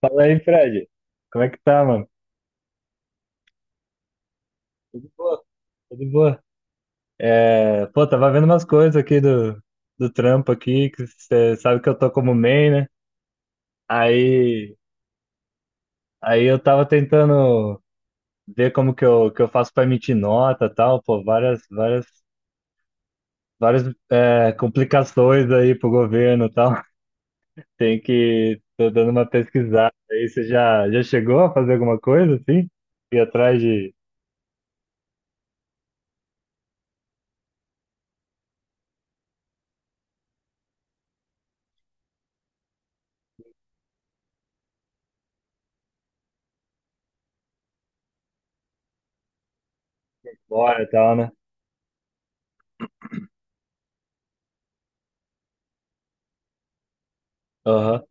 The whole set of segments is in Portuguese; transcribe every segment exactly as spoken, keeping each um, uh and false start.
Fala aí, Fred. Como é que tá, mano? Tudo boa, tudo boa. É, pô, tava vendo umas coisas aqui do, do trampo aqui, que você sabe que eu tô como main, né? Aí, aí eu tava tentando ver como que eu, que eu faço pra emitir nota e tal, pô, várias, várias, várias é, complicações aí pro governo e tal. Tem que, tô dando uma pesquisada aí. Você já, já chegou a fazer alguma coisa assim? Ir atrás de fora e tal, né? Aham.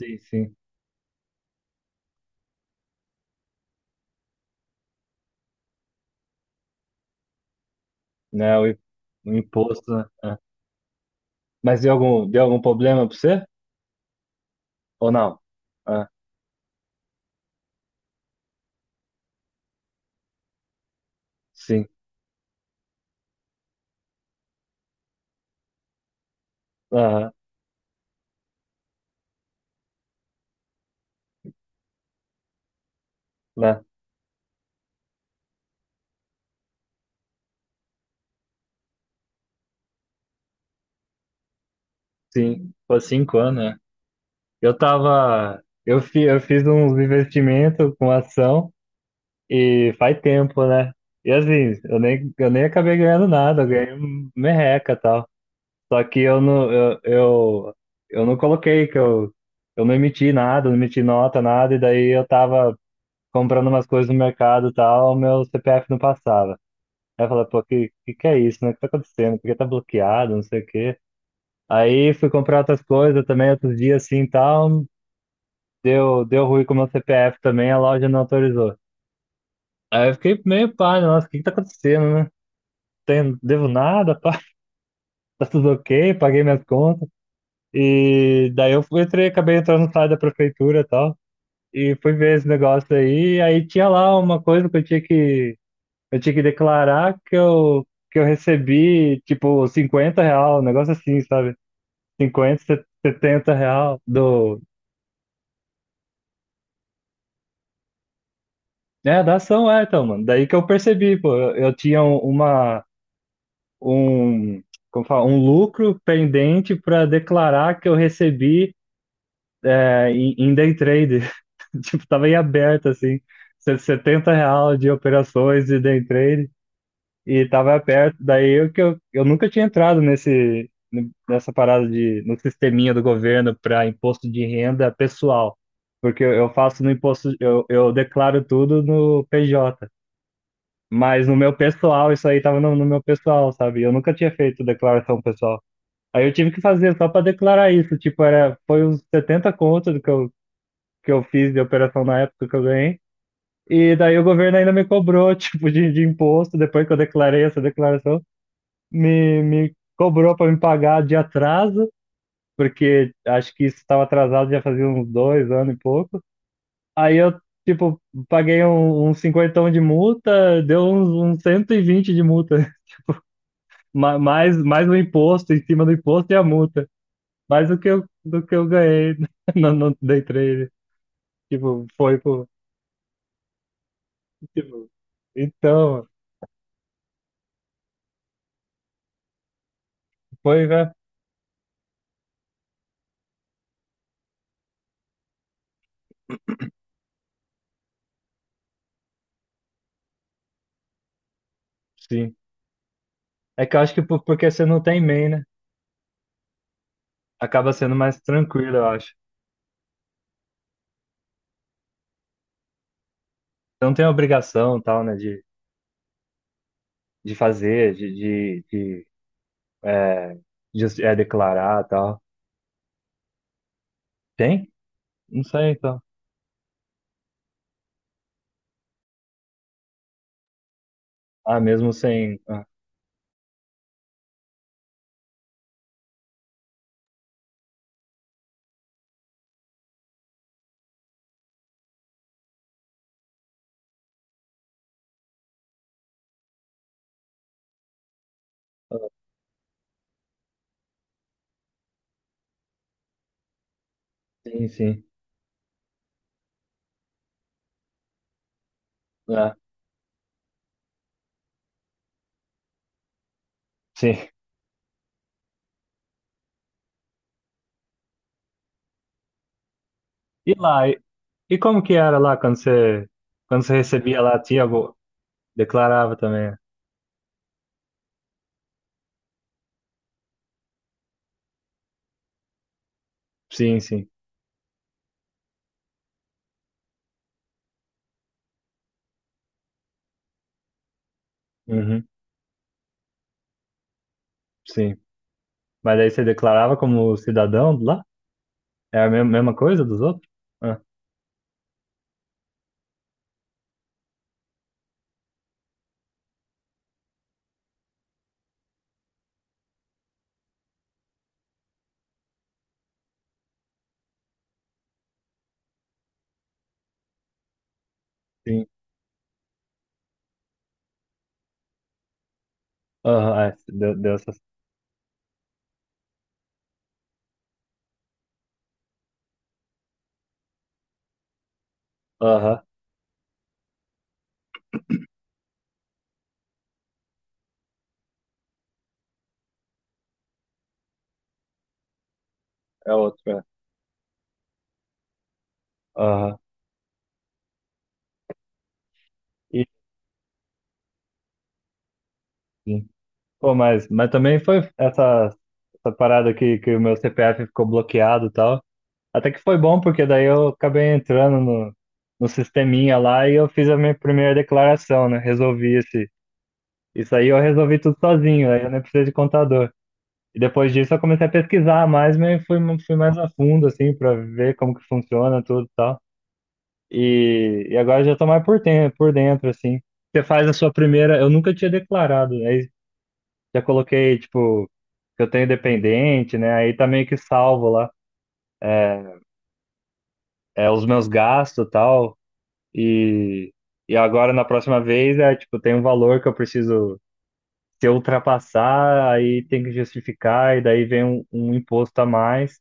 Sim, sim. Né? O, i- o imposto, né? É. Mas deu algum, deu algum problema pra você? Ou não? Ah, sim. Aham, lá, sim. Pô, cinco anos, né? Eu tava. Eu, fi, eu fiz uns investimentos com ação e faz tempo, né? E assim, eu nem, eu nem acabei ganhando nada, eu ganhei um merreca e tal. Só que eu não, eu, eu, eu não coloquei, que eu, eu não emiti nada, não emiti nota, nada, e daí eu tava comprando umas coisas no mercado e tal, meu C P F não passava. Aí eu falei, pô, que, que que é isso, né? O que tá acontecendo? Por que tá bloqueado? Não sei o quê. Aí fui comprar outras coisas também, outros dias assim e tal. Deu, deu ruim com o meu C P F também, a loja não autorizou. Aí eu fiquei meio pá, né? Nossa, o que que tá acontecendo, né? Tem, devo nada, pá, tá tudo ok, paguei minhas contas. E daí eu fui, entrei, acabei entrando no site da prefeitura e tal. E fui ver esse negócio aí. Aí tinha lá uma coisa que eu tinha que, eu tinha que declarar que eu, que eu recebi, tipo, cinquenta real, um negócio assim, sabe? Cinquenta, setenta real do. É, da ação, é, então, mano. Daí que eu percebi, pô. Eu, eu tinha um- uma. Um. Como fala? Um lucro pendente para declarar que eu recebi, é, em, em day trade. Tipo, tava em aberto, assim. se- 70 real de operações de day trade. E tava perto. Daí eu que eu, eu nunca tinha entrado nesse, nessa parada de no sisteminha do governo para imposto de renda pessoal, porque eu, eu faço no imposto, eu, eu declaro tudo no P J, mas no meu pessoal isso aí tava no, no meu pessoal, sabe? Eu nunca tinha feito declaração pessoal. Aí eu tive que fazer só para declarar isso, tipo, era foi uns setenta contos do que eu que eu fiz de operação na época que eu ganhei. E daí o governo ainda me cobrou, tipo, de, de imposto, depois que eu declarei essa declaração me, me cobrou para me pagar de atraso, porque acho que isso estava atrasado já fazia uns dois anos e pouco. Aí eu, tipo, paguei um, um cinquentão de multa, deu uns, uns cento e vinte de multa. Ma- mais, mais o imposto, em cima do imposto e a multa. Mais do que eu, do que eu ganhei no, no day trade. Tipo, foi por. Tipo, então, foi, né? Sim. É que eu acho que por- porque você não tem MEI, né? Acaba sendo mais tranquilo, eu acho. Você não tem obrigação, tal, né? De fazer, de, de, de, é, de é, declarar e tal. Tem? Não sei, então. Ah, mesmo sem. Ah, sim, sim. Ah, sim. E lá, e, e como que era lá quando você, quando você recebia lá, tinha, vo- declarava também. Sim, sim. Uhum, sim. Mas aí você declarava como cidadão lá? É a mesma, mesma coisa dos outros? Ah, sim. Aham, é, deu, deu essa. Aham, é outro, é. Aham. E- Pô, mas, mas também foi essa, essa parada que, que o meu C P F ficou bloqueado e tal. Até que foi bom, porque daí eu acabei entrando no, no sisteminha lá e eu fiz a minha primeira declaração, né? Resolvi esse, isso aí, eu resolvi tudo sozinho, aí eu nem precisei de contador. E depois disso eu comecei a pesquisar mais, mas fui, fui mais a fundo, assim, para ver como que funciona tudo e tal. E, e agora eu já tô mais por, ten- por dentro, assim. Você faz a sua primeira. Eu nunca tinha declarado, né? Já coloquei, tipo, que eu tenho dependente, né? Aí tá meio que salvo lá, é, os meus gastos e tal. E, e agora, na próxima vez, é, tipo, tem um valor que eu preciso, se eu ultrapassar, aí tem que justificar, e daí vem um, um imposto a mais.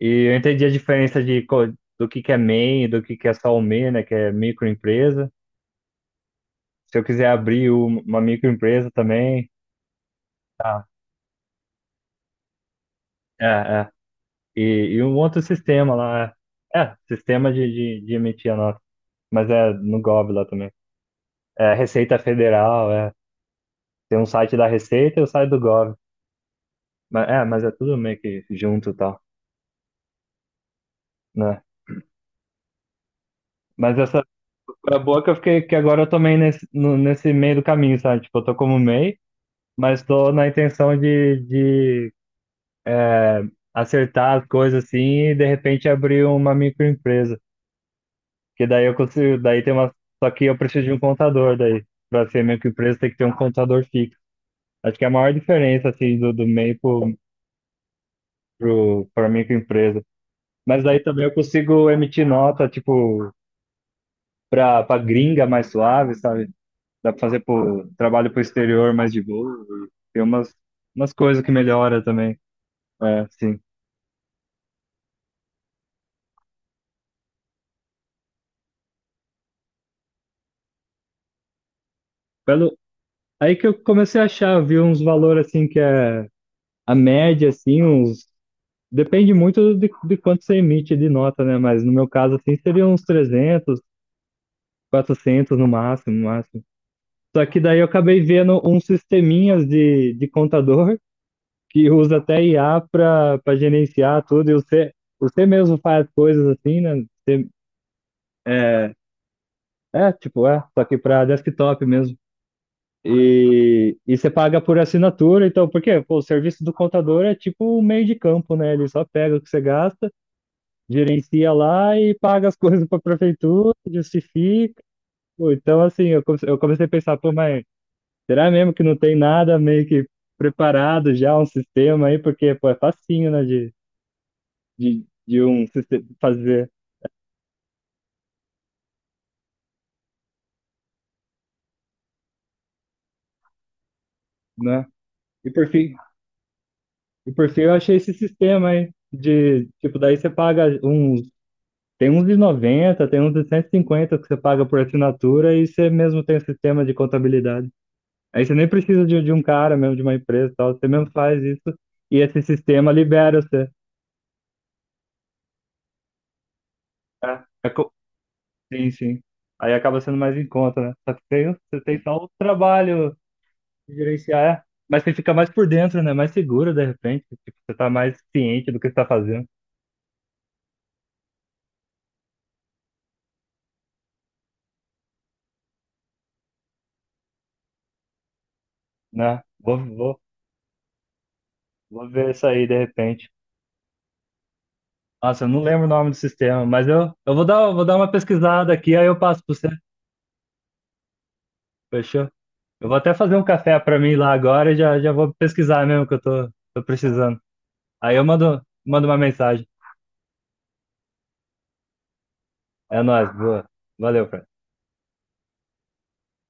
E eu entendi a diferença de, co- do que que é MEI, e do que que é só o MEI, né? Que é microempresa. Se eu quiser abrir um- uma microempresa também, tá. É, é. E, e um outro sistema lá, é, É, sistema de, de, de emitir a nota. Mas é no Gov lá também. É Receita Federal, é. Tem um site da Receita e o site do gov Mas, é, mas é tudo meio que junto e tal, né? Mas essa é boa que eu fiquei, que agora eu tomei nesse, no- nesse meio do caminho, sabe? Tipo, eu tô como MEI, mas tô na intenção de, de acertar as coisas assim e de repente abrir uma microempresa. Que daí eu consigo, daí tem uma. Só que eu preciso de um contador daí. Pra ser microempresa tem que ter um contador fixo. Acho que é a maior diferença assim do, do MEI pro, pro, pra microempresa. Mas daí também eu consigo emitir nota, tipo, pra, pra gringa mais suave, sabe? Dá pra fazer pro, trabalho pro exterior mais de boa. Tem umas, umas coisas que melhora também. É, sim. Pelo, aí que eu comecei a achar, vi uns valores assim que é a média, assim, uns. Depende muito de, de quanto você emite de nota, né? Mas no meu caso, assim, seria uns trezentos quatrocentos no máximo, no máximo. Só que daí eu acabei vendo uns sisteminhas de, de contador que usa até I A para para gerenciar tudo, e você, você mesmo faz coisas assim, né? Você, é, é, tipo, é, só que para desktop mesmo. E, e você paga por assinatura, então, porque pô, o serviço do contador é tipo um meio de campo, né? Ele só pega o que você gasta, gerencia lá e paga as coisas para a prefeitura, justifica. Pô, então, assim, eu come- eu comecei a pensar, pô, mas será mesmo que não tem nada meio que preparado já, um sistema aí? Porque, pô, é facinho, né, de, de um sistema fazer, né? E por fim, e por fim eu achei esse sistema aí de tipo daí você paga uns, tem uns de noventa, tem uns de cento e cinquenta que você paga por assinatura e você mesmo tem o sistema de contabilidade. Aí você nem precisa de, de um cara mesmo, de uma empresa e tal, você mesmo faz isso e esse sistema libera você. É co- Sim, sim. Aí acaba sendo mais em conta, né? Só que tem, você tem só o trabalho de gerenciar, é. Mas você fica mais por dentro, né? Mais seguro, de repente. Tipo, você tá mais ciente do que você tá fazendo, né? Vou, vou, vou ver isso aí, de repente. Nossa, eu não lembro o nome do sistema, mas eu, eu vou dar, vou dar uma pesquisada aqui, aí eu passo pra você. Fechou? Eu vou até fazer um café pra mim lá agora e já, já vou pesquisar mesmo que eu tô, tô precisando. Aí eu mando, mando uma mensagem. É nóis, boa. Valeu,